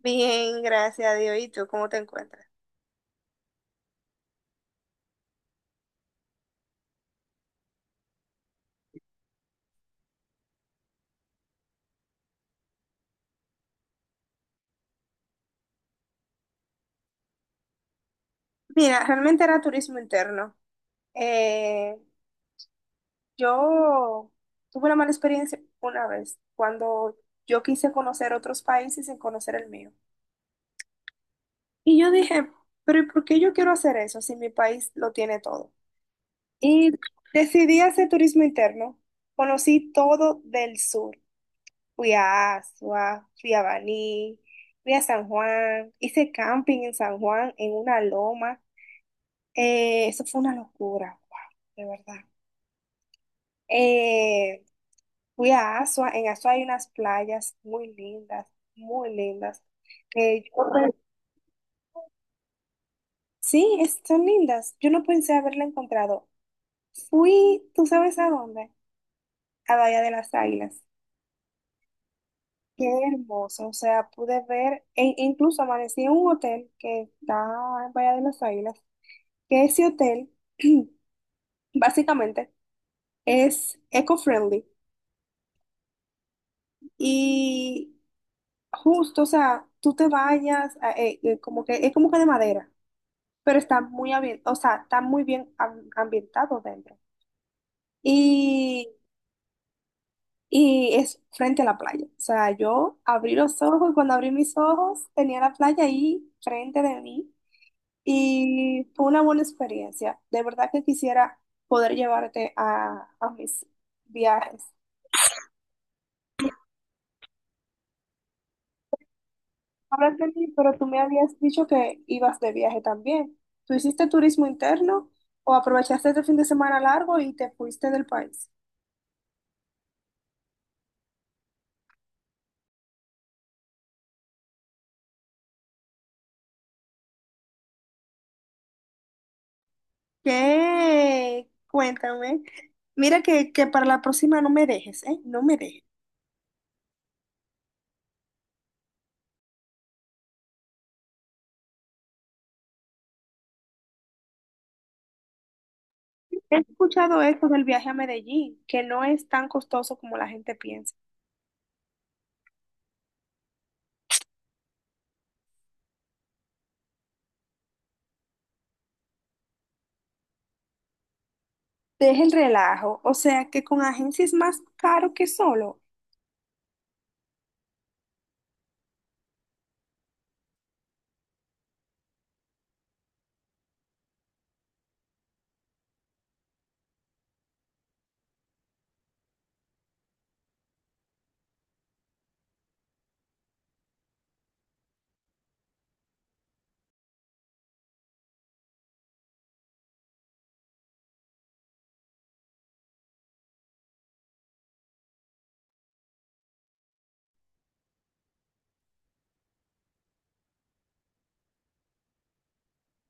Bien, gracias a Dios. ¿Y tú cómo te encuentras? Mira, realmente era turismo interno. Eh, yo tuve una mala experiencia una vez cuando yo quise conocer otros países sin conocer el mío. Y yo dije, pero ¿y por qué yo quiero hacer eso si mi país lo tiene todo? Y decidí hacer turismo interno. Conocí todo del sur. Fui a Asua, fui a Baní, fui a San Juan, hice camping en San Juan, en una loma. Eso fue una locura, wow, de verdad. Eh, Fui a Asua, en Asua hay unas playas muy lindas, muy lindas que yo no pe- sí, son lindas. Yo no pensé haberla encontrado. Fui, ¿tú sabes a dónde? A Bahía de las Águilas. Qué hermoso, o sea, pude ver, e incluso amanecí en un hotel que está en Bahía de las Águilas, que ese hotel básicamente es eco-friendly. Y justo, o sea, tú te bañas, como que es como que de madera, pero está o sea, está muy bien ambientado dentro. Y, y es frente a la playa. O sea, yo abrí los ojos y cuando abrí mis ojos tenía la playa ahí frente de mí y fue una buena experiencia. De verdad que quisiera poder llevarte a mis viajes. Hablas de mí, pero tú me habías dicho que ibas de viaje también. ¿Tú hiciste turismo interno o aprovechaste este fin de semana largo y te fuiste del país? ¿Qué? Cuéntame. Mira que para la próxima no me dejes, ¿eh? No me dejes. He escuchado esto del viaje a Medellín, que no es tan costoso como la gente piensa. Deja el relajo, o sea que con agencia es más caro que solo.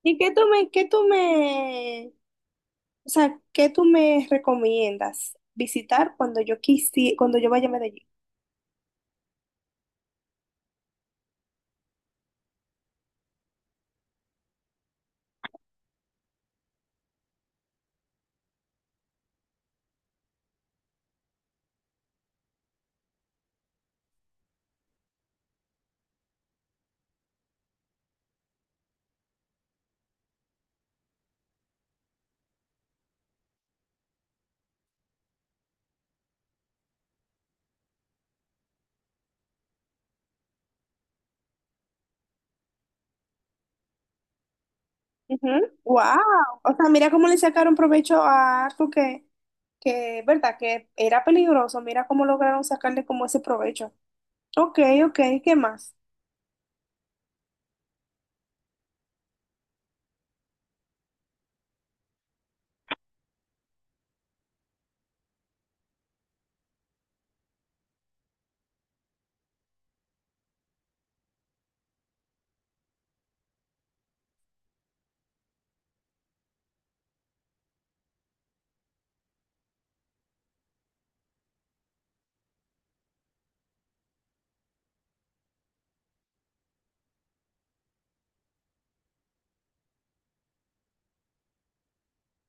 ¿Y qué tú me, qué tú me, O sea, ¿qué tú me recomiendas visitar cuando yo vaya a Medellín? Wow. O sea, mira cómo le sacaron provecho a algo que, verdad, que era peligroso. Mira cómo lograron sacarle como ese provecho. Ok, ok, ¿qué más?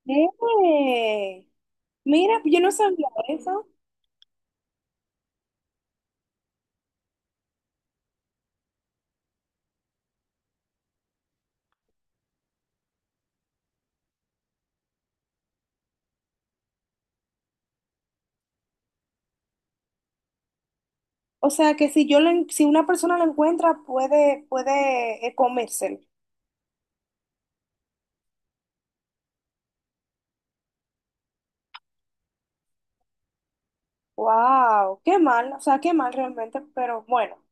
Eh, Mira, yo no sabía eso. O sea, que si una persona lo encuentra, puede comérselo. Wow, qué mal, o sea, qué mal realmente, pero bueno.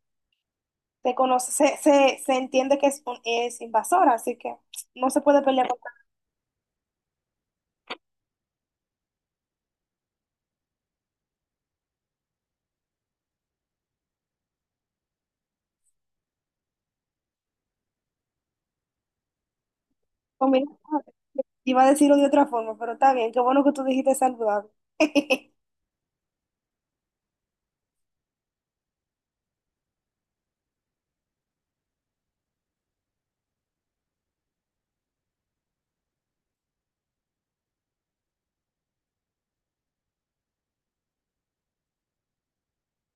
Se conoce, se entiende que es, es invasora, así que no se puede pelear con comida. Iba a decirlo de otra forma, pero está bien, qué bueno que tú dijiste saludable.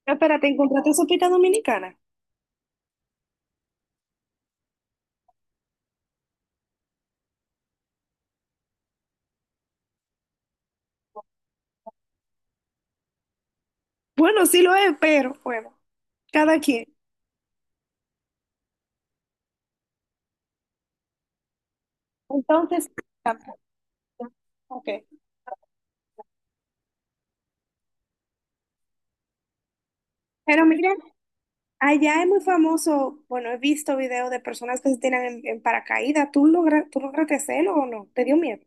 Espérate, ¿encontraste sopita dominicana? Bueno, sí lo es, pero bueno, cada quien. Entonces, ok. Pero mira, allá es muy famoso, bueno, he visto videos de personas que se tiran en paracaídas. ¿Tú lograste hacerlo o no? ¿Te dio miedo?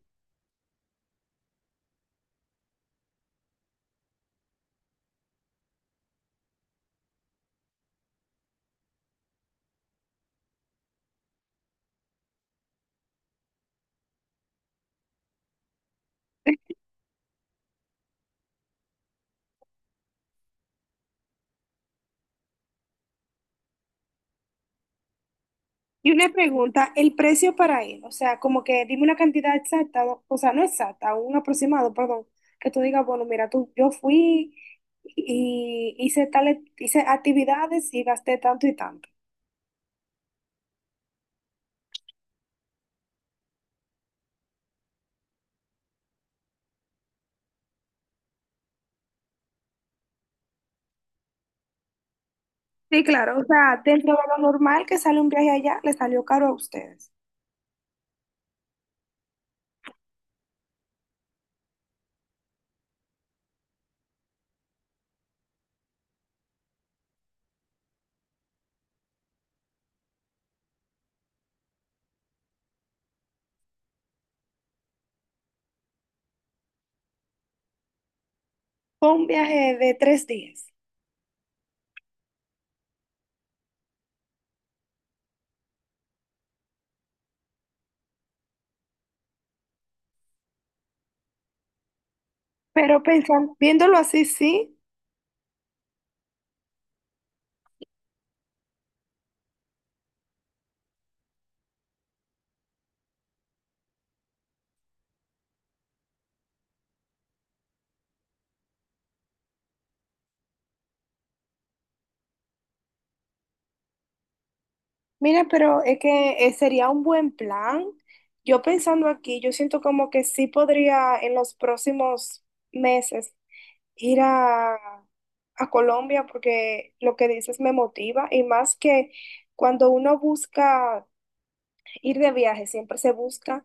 Y una pregunta, el precio para él, o sea, como que dime una cantidad exacta, o sea, no exacta, un aproximado, perdón, que tú digas, bueno, mira, tú, yo fui y hice tales, hice actividades y gasté tanto y tanto. Sí, claro, o sea, dentro de lo normal que sale un viaje allá, le salió caro a ustedes. Fue un viaje de 3 días. Pero pensando, viéndolo así, sí. Mira, pero es que sería un buen plan. Yo pensando aquí, yo siento como que sí podría en los próximos meses ir a Colombia porque lo que dices me motiva y más que cuando uno busca ir de viaje, siempre se busca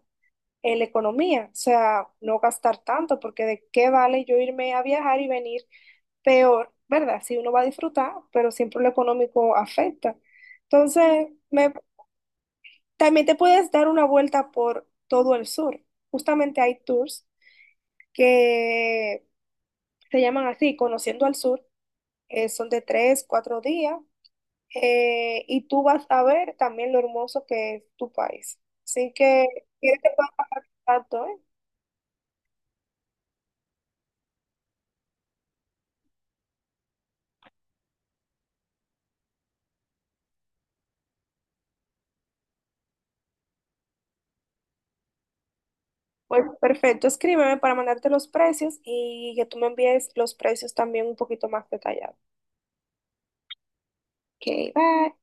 la economía, o sea, no gastar tanto porque de qué vale yo irme a viajar y venir peor, ¿verdad? Si uno va a disfrutar, pero siempre lo económico afecta. Entonces, me también te puedes dar una vuelta por todo el sur. Justamente hay tours que se llaman así, Conociendo al Sur. Son de 3, 4 días. Y tú vas a ver también lo hermoso que es tu país. Así que, ¿quieres que pueda pasar contacto, eh? Pues perfecto, escríbeme para mandarte los precios y que tú me envíes los precios también un poquito más detallados. Ok, bye.